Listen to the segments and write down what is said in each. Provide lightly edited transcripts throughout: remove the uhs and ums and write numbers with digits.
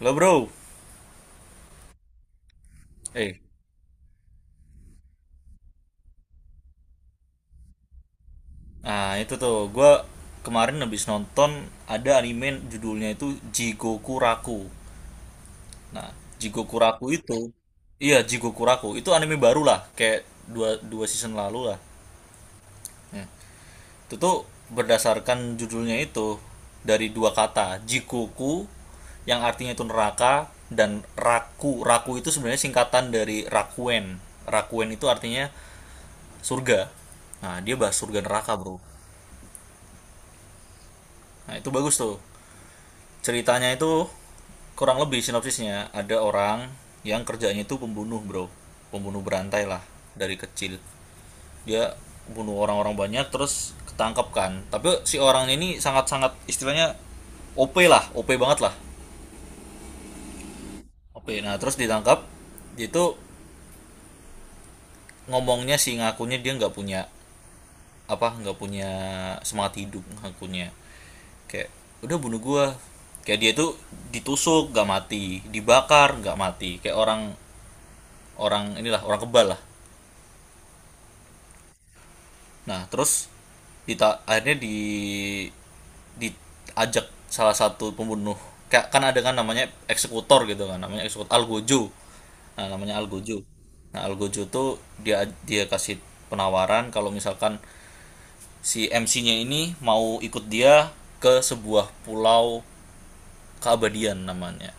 Lo, bro. eh, nah, itu tuh, gue kemarin habis nonton, ada anime judulnya itu Jigoku Raku. Nah, Jigoku Raku itu, iya, Jigoku Raku, itu anime baru lah, kayak dua season lalu lah. Itu tuh berdasarkan judulnya itu dari dua kata, Jigoku yang artinya itu neraka, dan Raku. Raku itu sebenarnya singkatan dari Rakuen. Rakuen itu artinya surga. Nah, dia bahas surga neraka, bro. Nah, itu bagus tuh. Ceritanya itu kurang lebih sinopsisnya, ada orang yang kerjanya itu pembunuh, bro, pembunuh berantai lah. Dari kecil dia bunuh orang-orang banyak, terus ketangkep kan, tapi si orang ini sangat-sangat istilahnya OP lah, OP banget lah, OP. Nah, terus ditangkap, dia itu ngomongnya sih, ngakunya dia nggak punya apa, nggak punya semangat hidup, ngakunya, kayak udah, bunuh gua, kayak dia tuh ditusuk nggak mati, dibakar nggak mati, kayak orang orang inilah, orang kebal lah. Nah, terus akhirnya diajak salah satu pembunuh, kayak kan ada kan namanya eksekutor gitu kan, namanya eksekutor Algojo. Nah, namanya Algojo. Nah, Algojo tuh dia dia kasih penawaran kalau misalkan si MC-nya ini mau ikut dia ke sebuah pulau keabadian namanya.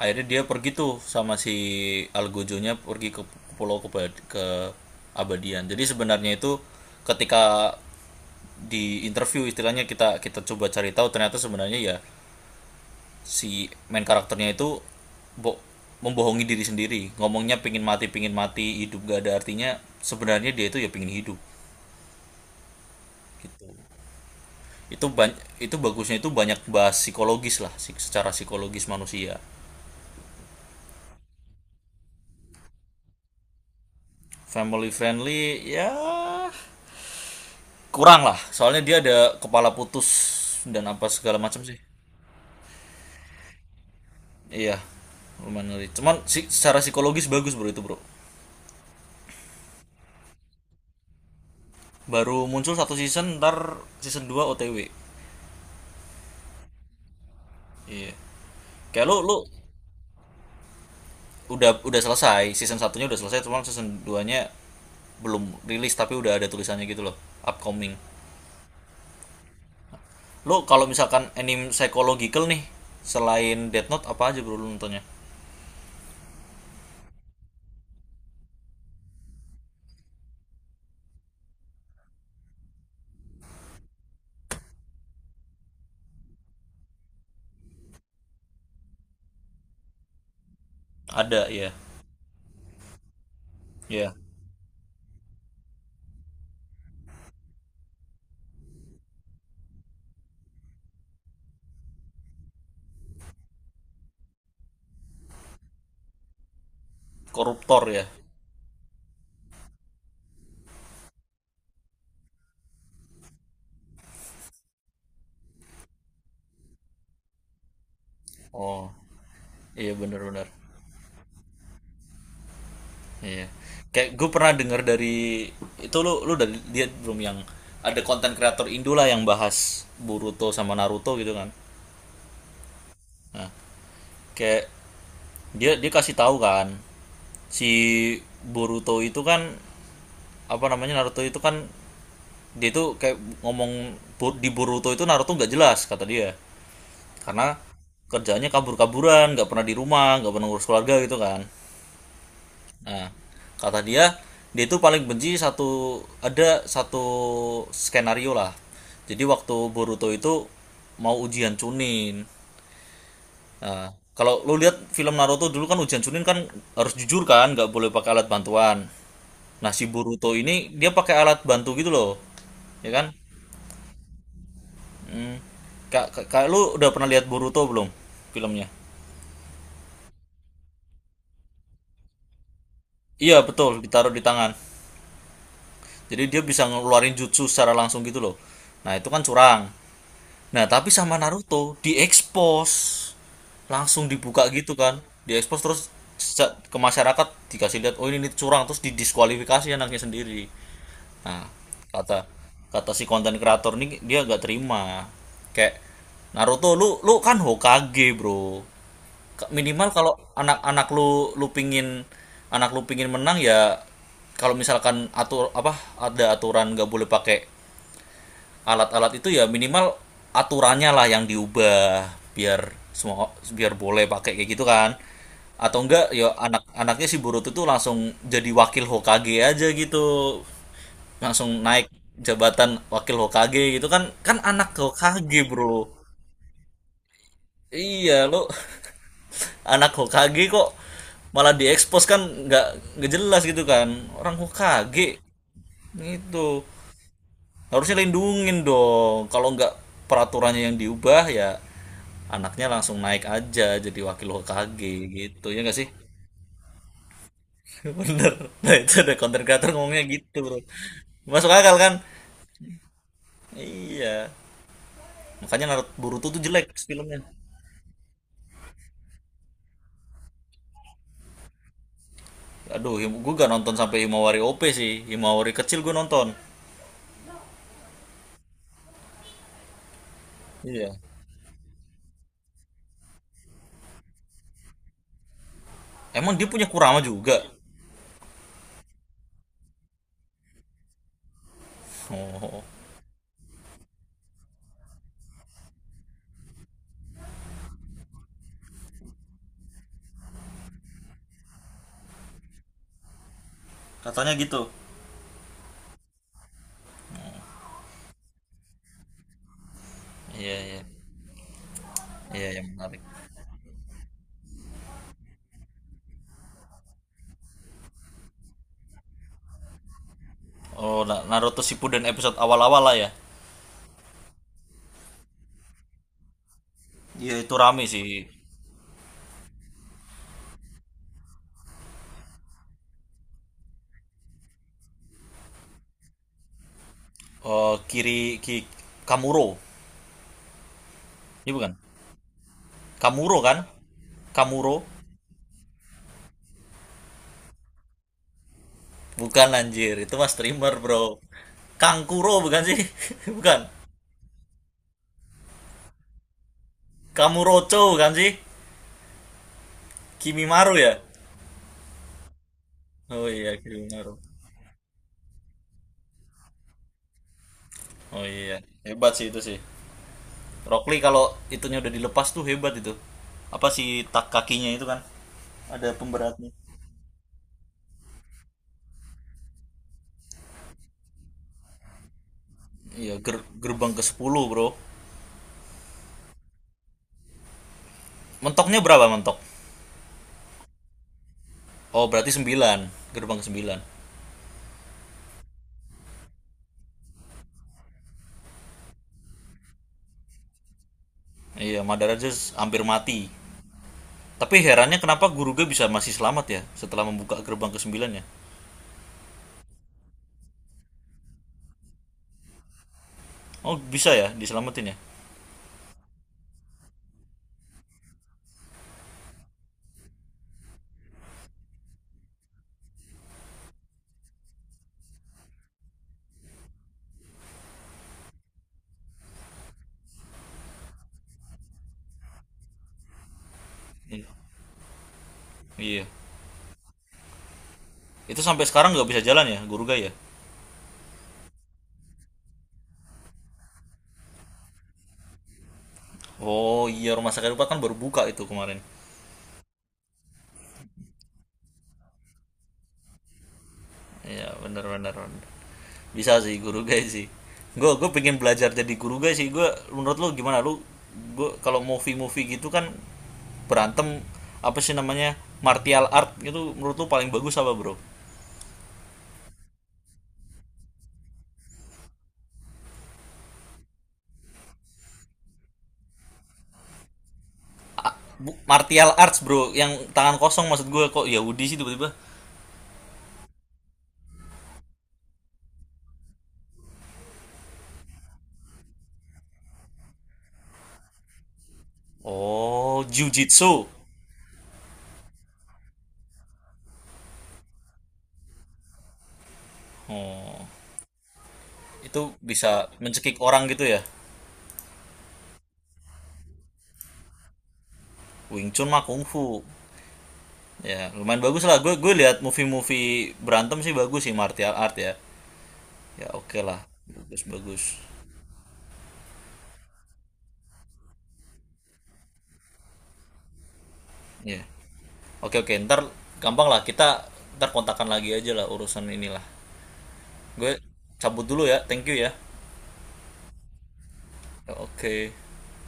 Akhirnya dia pergi tuh sama si nya pergi ke pulau Abadian. Jadi sebenarnya itu ketika di interview istilahnya kita kita coba cari tahu, ternyata sebenarnya ya, si main karakternya itu bo- membohongi diri sendiri. Ngomongnya pingin mati, pingin mati, hidup gak ada artinya, sebenarnya dia itu ya pingin hidup. Gitu. itu ban- itu bagusnya itu banyak bahas psikologis lah, secara psikologis manusia. Family friendly ya kurang lah, soalnya dia ada kepala putus dan apa segala macam sih. Iya, lumayan ngeri, cuman secara psikologis bagus, bro, itu, bro. Baru muncul satu season, ntar season 2 OTW. Iya, kayak lu lu udah, selesai season satunya, udah selesai, cuman season duanya belum rilis, tapi udah ada tulisannya gitu loh, upcoming. Lu kalau misalkan anime psychological nih, selain Death Note apa aja, bro, lu nontonnya? Ada ya. Iya, koruptor ya. Oh iya, bener-bener. Iya. Kayak gue pernah denger dari itu, lu lu udah lihat belum yang ada konten kreator Indo lah yang bahas Boruto sama Naruto gitu kan? Kayak dia dia kasih tahu kan, si Boruto itu kan, apa namanya, Naruto itu kan, dia itu kayak ngomong di Boruto itu Naruto nggak jelas, kata dia, karena kerjaannya kabur-kaburan, nggak pernah di rumah, nggak pernah ngurus keluarga, gitu kan. Nah, kata dia, dia itu paling benci satu, ada satu skenario lah. Jadi waktu Boruto itu mau ujian Chunin. Nah, kalau lo lihat film Naruto dulu kan, ujian Chunin kan harus jujur kan, nggak boleh pakai alat bantuan. Nah, si Boruto ini dia pakai alat bantu gitu loh. Ya kan? Hmm. Kak, kak, kak, lu udah pernah lihat Boruto belum, filmnya? Iya, betul, ditaruh di tangan. Jadi dia bisa ngeluarin jutsu secara langsung gitu loh. Nah, itu kan curang. Nah, tapi sama Naruto diekspos. Langsung dibuka gitu kan. Diekspos terus ke masyarakat, dikasih lihat, oh ini, curang, terus didiskualifikasi anaknya sendiri. Nah, kata kata si konten kreator nih, dia nggak terima. Kayak, Naruto, lu lu kan Hokage, Bro. Minimal kalau anak-anak lu lu pingin anak lu pingin menang ya, kalau misalkan atur apa, ada aturan nggak boleh pakai alat-alat itu, ya minimal aturannya lah yang diubah, biar semua, biar boleh pakai kayak gitu kan. Atau enggak ya, anak-anaknya si Boruto tuh langsung jadi wakil Hokage aja gitu, langsung naik jabatan wakil Hokage gitu kan, kan anak Hokage, bro. Iya, lo. Anak Hokage kok malah diekspos kan, nggak, jelas gitu kan, orang Hokage gitu, harusnya lindungin dong. Kalau nggak, peraturannya yang diubah, ya anaknya langsung naik aja jadi wakil HKG gitu, ya nggak sih? Bener. Nah, itu ada konten creator ngomongnya gitu, bro. Masuk akal kan? Iya, makanya Naruto Boruto tuh jelek filmnya. Aduh, gue gak nonton sampai Himawari OP sih, Himawari kecil gue nonton. Iya, emang dia punya Kurama juga? Oh, katanya gitu. Iya, iya, iya, yang menarik. Oh, Naruto Shippuden episode awal-awal lah ya. Iya, itu rame sih. Eh, kiri ki Kamuro. Ini bukan. Kamuro kan? Kamuro. Bukan anjir, itu mas streamer, Bro. Kangkuro bukan sih? Bukan. Kamurocho bukan sih? Kimimaru ya? Oh iya, Kimimaru. Oh iya, hebat sih itu sih. Rock Lee kalau itunya udah dilepas tuh hebat itu. Apa sih tak kakinya itu kan? Ada pemberatnya. Iya, gerbang ke sepuluh, Bro. Mentoknya berapa, mentok? Oh, berarti sembilan, Gerbang ke-9. Iya, Madara aja hampir mati. Tapi herannya kenapa Guruge bisa masih selamat ya setelah membuka gerbang ke sembilan ya? Oh, bisa ya diselamatin ya? Iya. Iya. Itu sampai sekarang nggak bisa jalan ya Guruge ya? Oh, iya, rumah sakit Rupa kan baru buka itu kemarin. Iya, benar, benar. Bisa sih Guruge sih. Gue pengen belajar jadi Guruge sih. Gue, menurut lu gimana, lu? Gue kalau movie-movie gitu kan, berantem, apa sih namanya, martial art itu menurut lu paling bagus apa, Bro? Martial arts, bro, yang tangan kosong maksud gue, kok Yahudi sih tiba-tiba? Oh, jiu-jitsu? Oh, itu bisa mencekik orang gitu ya? Wing Chun mah Kung Fu. Ya lumayan bagus lah, gue, lihat movie-movie berantem sih bagus sih, martial art ya. Ya, oke, okay lah. Bagus, bagus. Ya, yeah. Oke, okay, oke, okay. Ntar gampang lah, kita ntar kontakan lagi aja lah urusan inilah. Gue cabut dulu ya, thank you ya. Ya, oke.